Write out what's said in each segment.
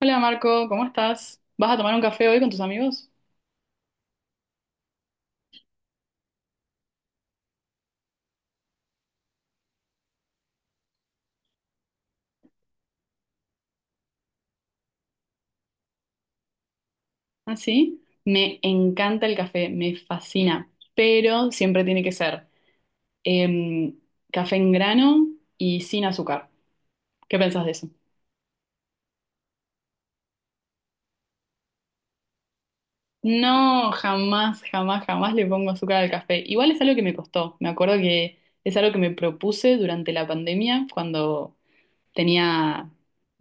Hola Marco, ¿cómo estás? ¿Vas a tomar un café hoy con tus amigos? ¿Ah, sí? Me encanta el café, me fascina, pero siempre tiene que ser em, café en grano y sin azúcar. ¿Qué pensás de eso? No, jamás, jamás, jamás le pongo azúcar al café. Igual es algo que me costó. Me acuerdo que es algo que me propuse durante la pandemia cuando tenía,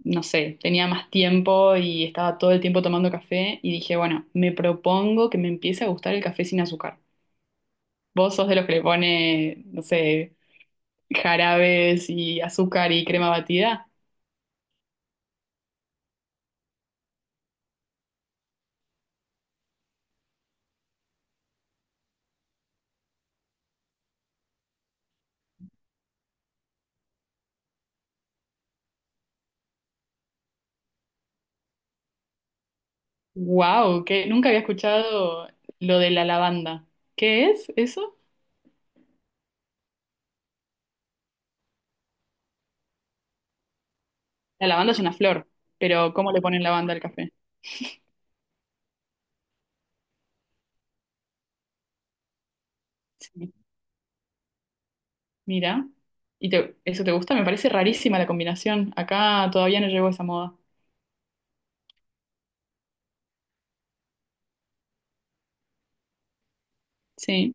no sé, tenía más tiempo y estaba todo el tiempo tomando café y dije, bueno, me propongo que me empiece a gustar el café sin azúcar. ¿Vos sos de los que le pone, no sé, jarabes y azúcar y crema batida? ¡Wow! Que nunca había escuchado lo de la lavanda. ¿Qué es eso? La lavanda es una flor, pero ¿cómo le ponen lavanda al café? Sí, mira. ¿Eso te gusta? Me parece rarísima la combinación. Acá todavía no llegó esa moda. Sí,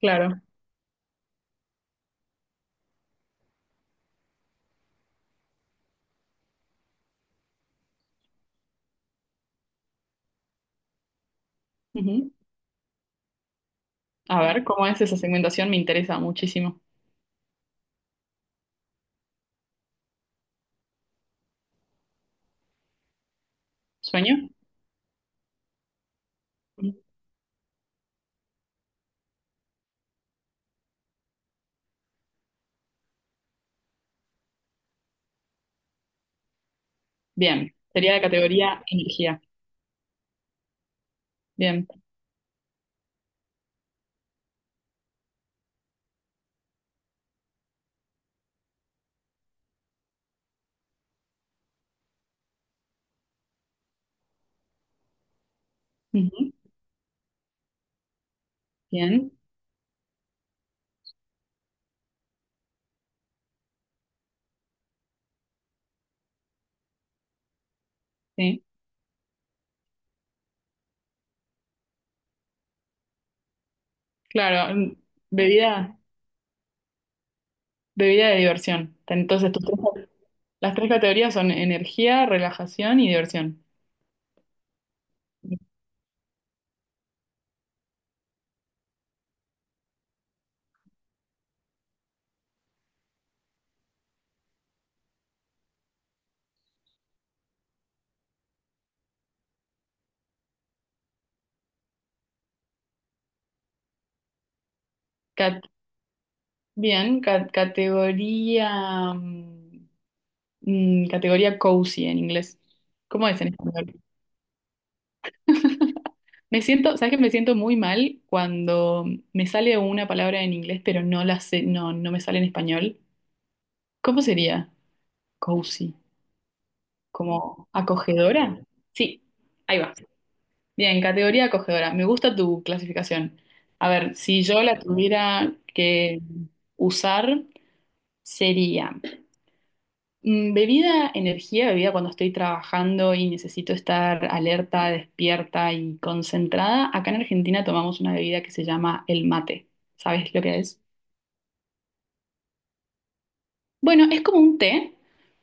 claro. Ujú. A ver, ¿cómo es esa segmentación? Me interesa muchísimo. ¿Sueño? Bien. Sería la categoría energía. Bien. Ujú. Bien. Sí. Claro. Bebida, bebida de diversión. Entonces, las tres categorías son energía, relajación y diversión. Cat- Bien. Categoría. Categoría cozy en inglés. ¿Cómo es en español? Me siento, ¿sabes que me siento muy mal cuando me sale una palabra en inglés, pero no la sé, no, no me sale en español? ¿Cómo sería? Cozy, como acogedora. Sí, ahí va. Bien, categoría acogedora. Me gusta tu clasificación. A ver, si yo la tuviera que usar, sería. Bebida, energía, bebida cuando estoy trabajando y necesito estar alerta, despierta y concentrada. Acá en Argentina tomamos una bebida que se llama el mate. ¿Sabes lo que es? Bueno, es como un té,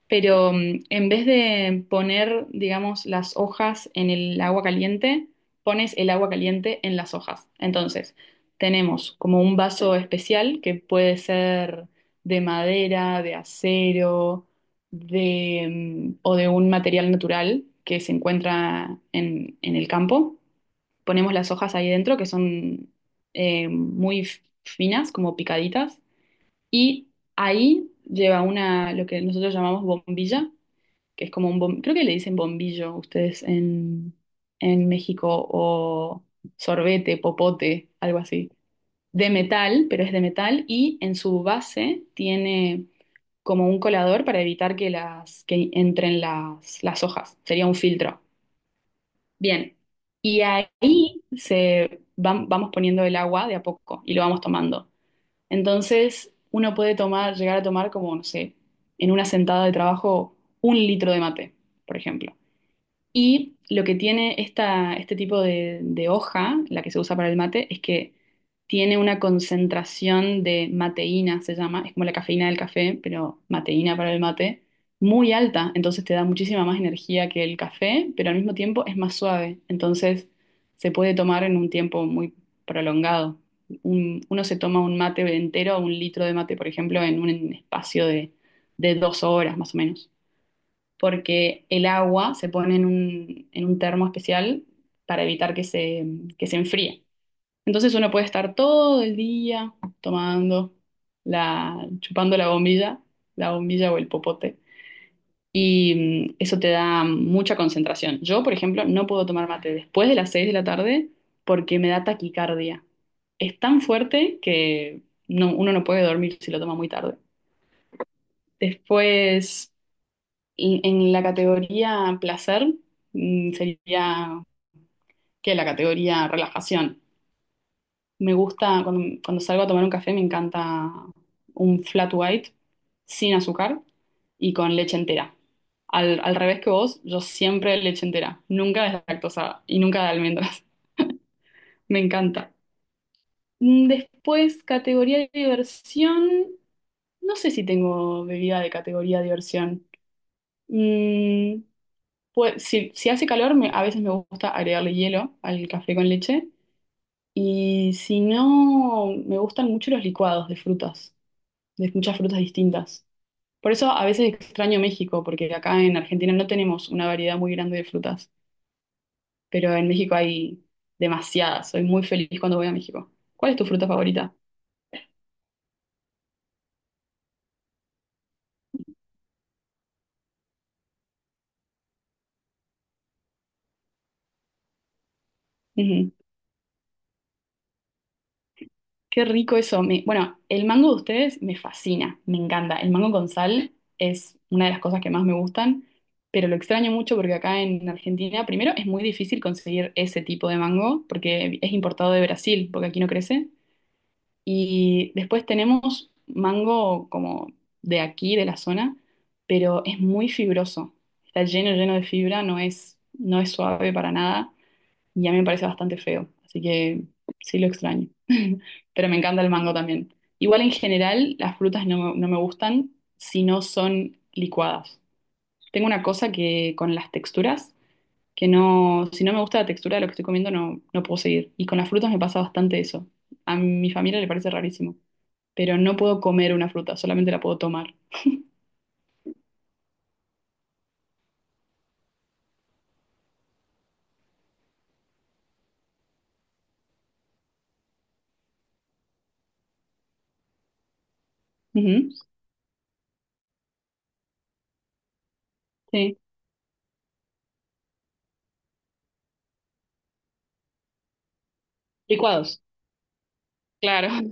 pero en vez de poner, digamos, las hojas en el agua caliente, pones el agua caliente en las hojas. Entonces, tenemos como un vaso especial que puede ser de madera, de acero, de, o de un material natural que se encuentra en el campo. Ponemos las hojas ahí dentro, que son muy finas, como picaditas y ahí lleva una, lo que nosotros llamamos bombilla, que es como un creo que le dicen bombillo ustedes en México, o sorbete, popote, algo así, de metal, pero es de metal, y en su base tiene como un colador para evitar que que entren las hojas. Sería un filtro. Bien. Y ahí vamos poniendo el agua de a poco y lo vamos tomando. Entonces, uno puede tomar, llegar a tomar como, no sé, en una sentada de trabajo, un litro de mate, por ejemplo. Y lo que tiene esta, este tipo de hoja, la que se usa para el mate, es que tiene una concentración de mateína, se llama, es como la cafeína del café, pero mateína para el mate, muy alta, entonces te da muchísima más energía que el café, pero al mismo tiempo es más suave, entonces se puede tomar en un tiempo muy prolongado. Uno se toma un mate entero, un litro de mate, por ejemplo, en un espacio de dos horas más o menos porque el agua se pone en un termo especial para evitar que que se enfríe. Entonces uno puede estar todo el día tomando la, chupando la bombilla o el popote, y eso te da mucha concentración. Yo, por ejemplo, no puedo tomar mate después de las 6 de la tarde porque me da taquicardia. Es tan fuerte que uno no puede dormir si lo toma muy tarde. Después, y en la categoría placer, sería que la categoría relajación. Me gusta, cuando, cuando salgo a tomar un café, me encanta un flat white sin azúcar y con leche entera. Al, al revés que vos, yo siempre leche entera, nunca deslactosada y nunca de almendras. Me encanta. Después, categoría de diversión. No sé si tengo bebida de categoría de diversión. Mm, Pues, si, si hace calor, a veces me gusta agregarle hielo al café con leche. Y si no, me gustan mucho los licuados de frutas, de muchas frutas distintas. Por eso a veces extraño México, porque acá en Argentina no tenemos una variedad muy grande de frutas, pero en México hay demasiadas. Soy muy feliz cuando voy a México. ¿Cuál es tu fruta favorita? Ujú. Qué rico eso. Bueno, el mango de ustedes me fascina, me encanta. El mango con sal es una de las cosas que más me gustan, pero lo extraño mucho porque acá en Argentina, primero, es muy difícil conseguir ese tipo de mango porque es importado de Brasil, porque aquí no crece. Y después tenemos mango como de aquí, de la zona, pero es muy fibroso. Está lleno, lleno de fibra, no es suave para nada y a mí me parece bastante feo, así que sí lo extraño. Pero me encanta el mango también. Igual en general las frutas no, no me gustan si no son licuadas. Tengo una cosa que con las texturas, que no, si no me gusta la textura de lo que estoy comiendo no, no puedo seguir. Y con las frutas me pasa bastante eso. A mi familia le parece rarísimo, pero no puedo comer una fruta, solamente la puedo tomar. Ujú, sí, licuados, claro.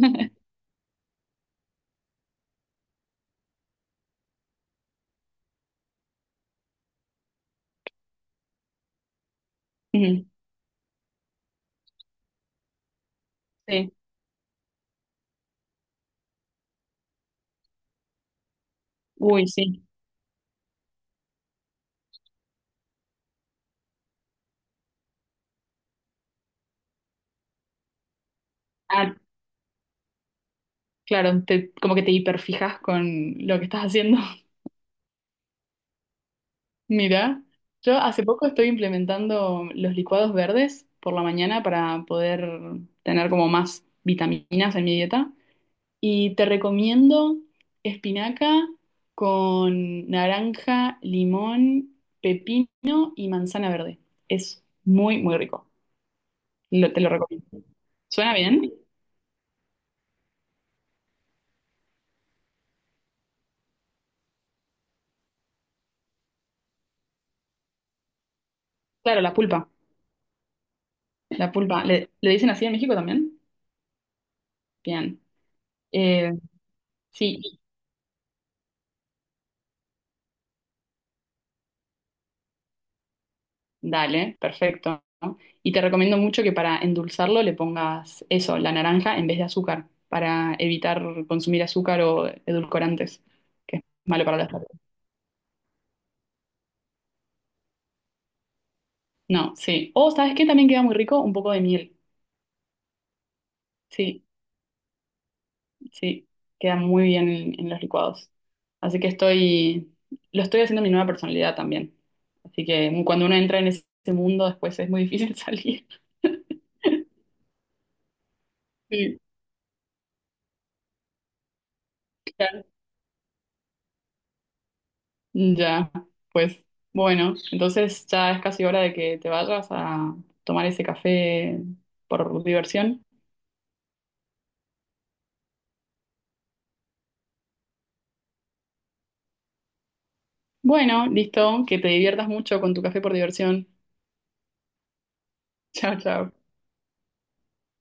Ujú, sí, uy, sí. Ah, claro, como que te hiperfijas con lo que estás haciendo. Mira, yo hace poco estoy implementando los licuados verdes por la mañana para poder tener como más vitaminas en mi dieta. Y te recomiendo espinaca con naranja, limón, pepino y manzana verde. Es muy, muy rico. Te lo recomiendo. ¿Suena bien? Claro, la pulpa. La pulpa. ¿Le, le dicen así en México también? Bien. Eh, sí, dale, perfecto. Y te recomiendo mucho que para endulzarlo le pongas eso, la naranja en vez de azúcar, para evitar consumir azúcar o edulcorantes, que es malo para la salud. No, sí. O, ¿sabes qué? También queda muy rico un poco de miel. Sí, sí, queda muy bien en los licuados. Así que estoy, lo estoy haciendo mi nueva personalidad también. Así que cuando uno entra en ese mundo, después es muy difícil salir. Sí. Ya, pues bueno, entonces ya es casi hora de que te vayas a tomar ese café por diversión. Bueno, listo, que te diviertas mucho con tu café por diversión. Chao, chao.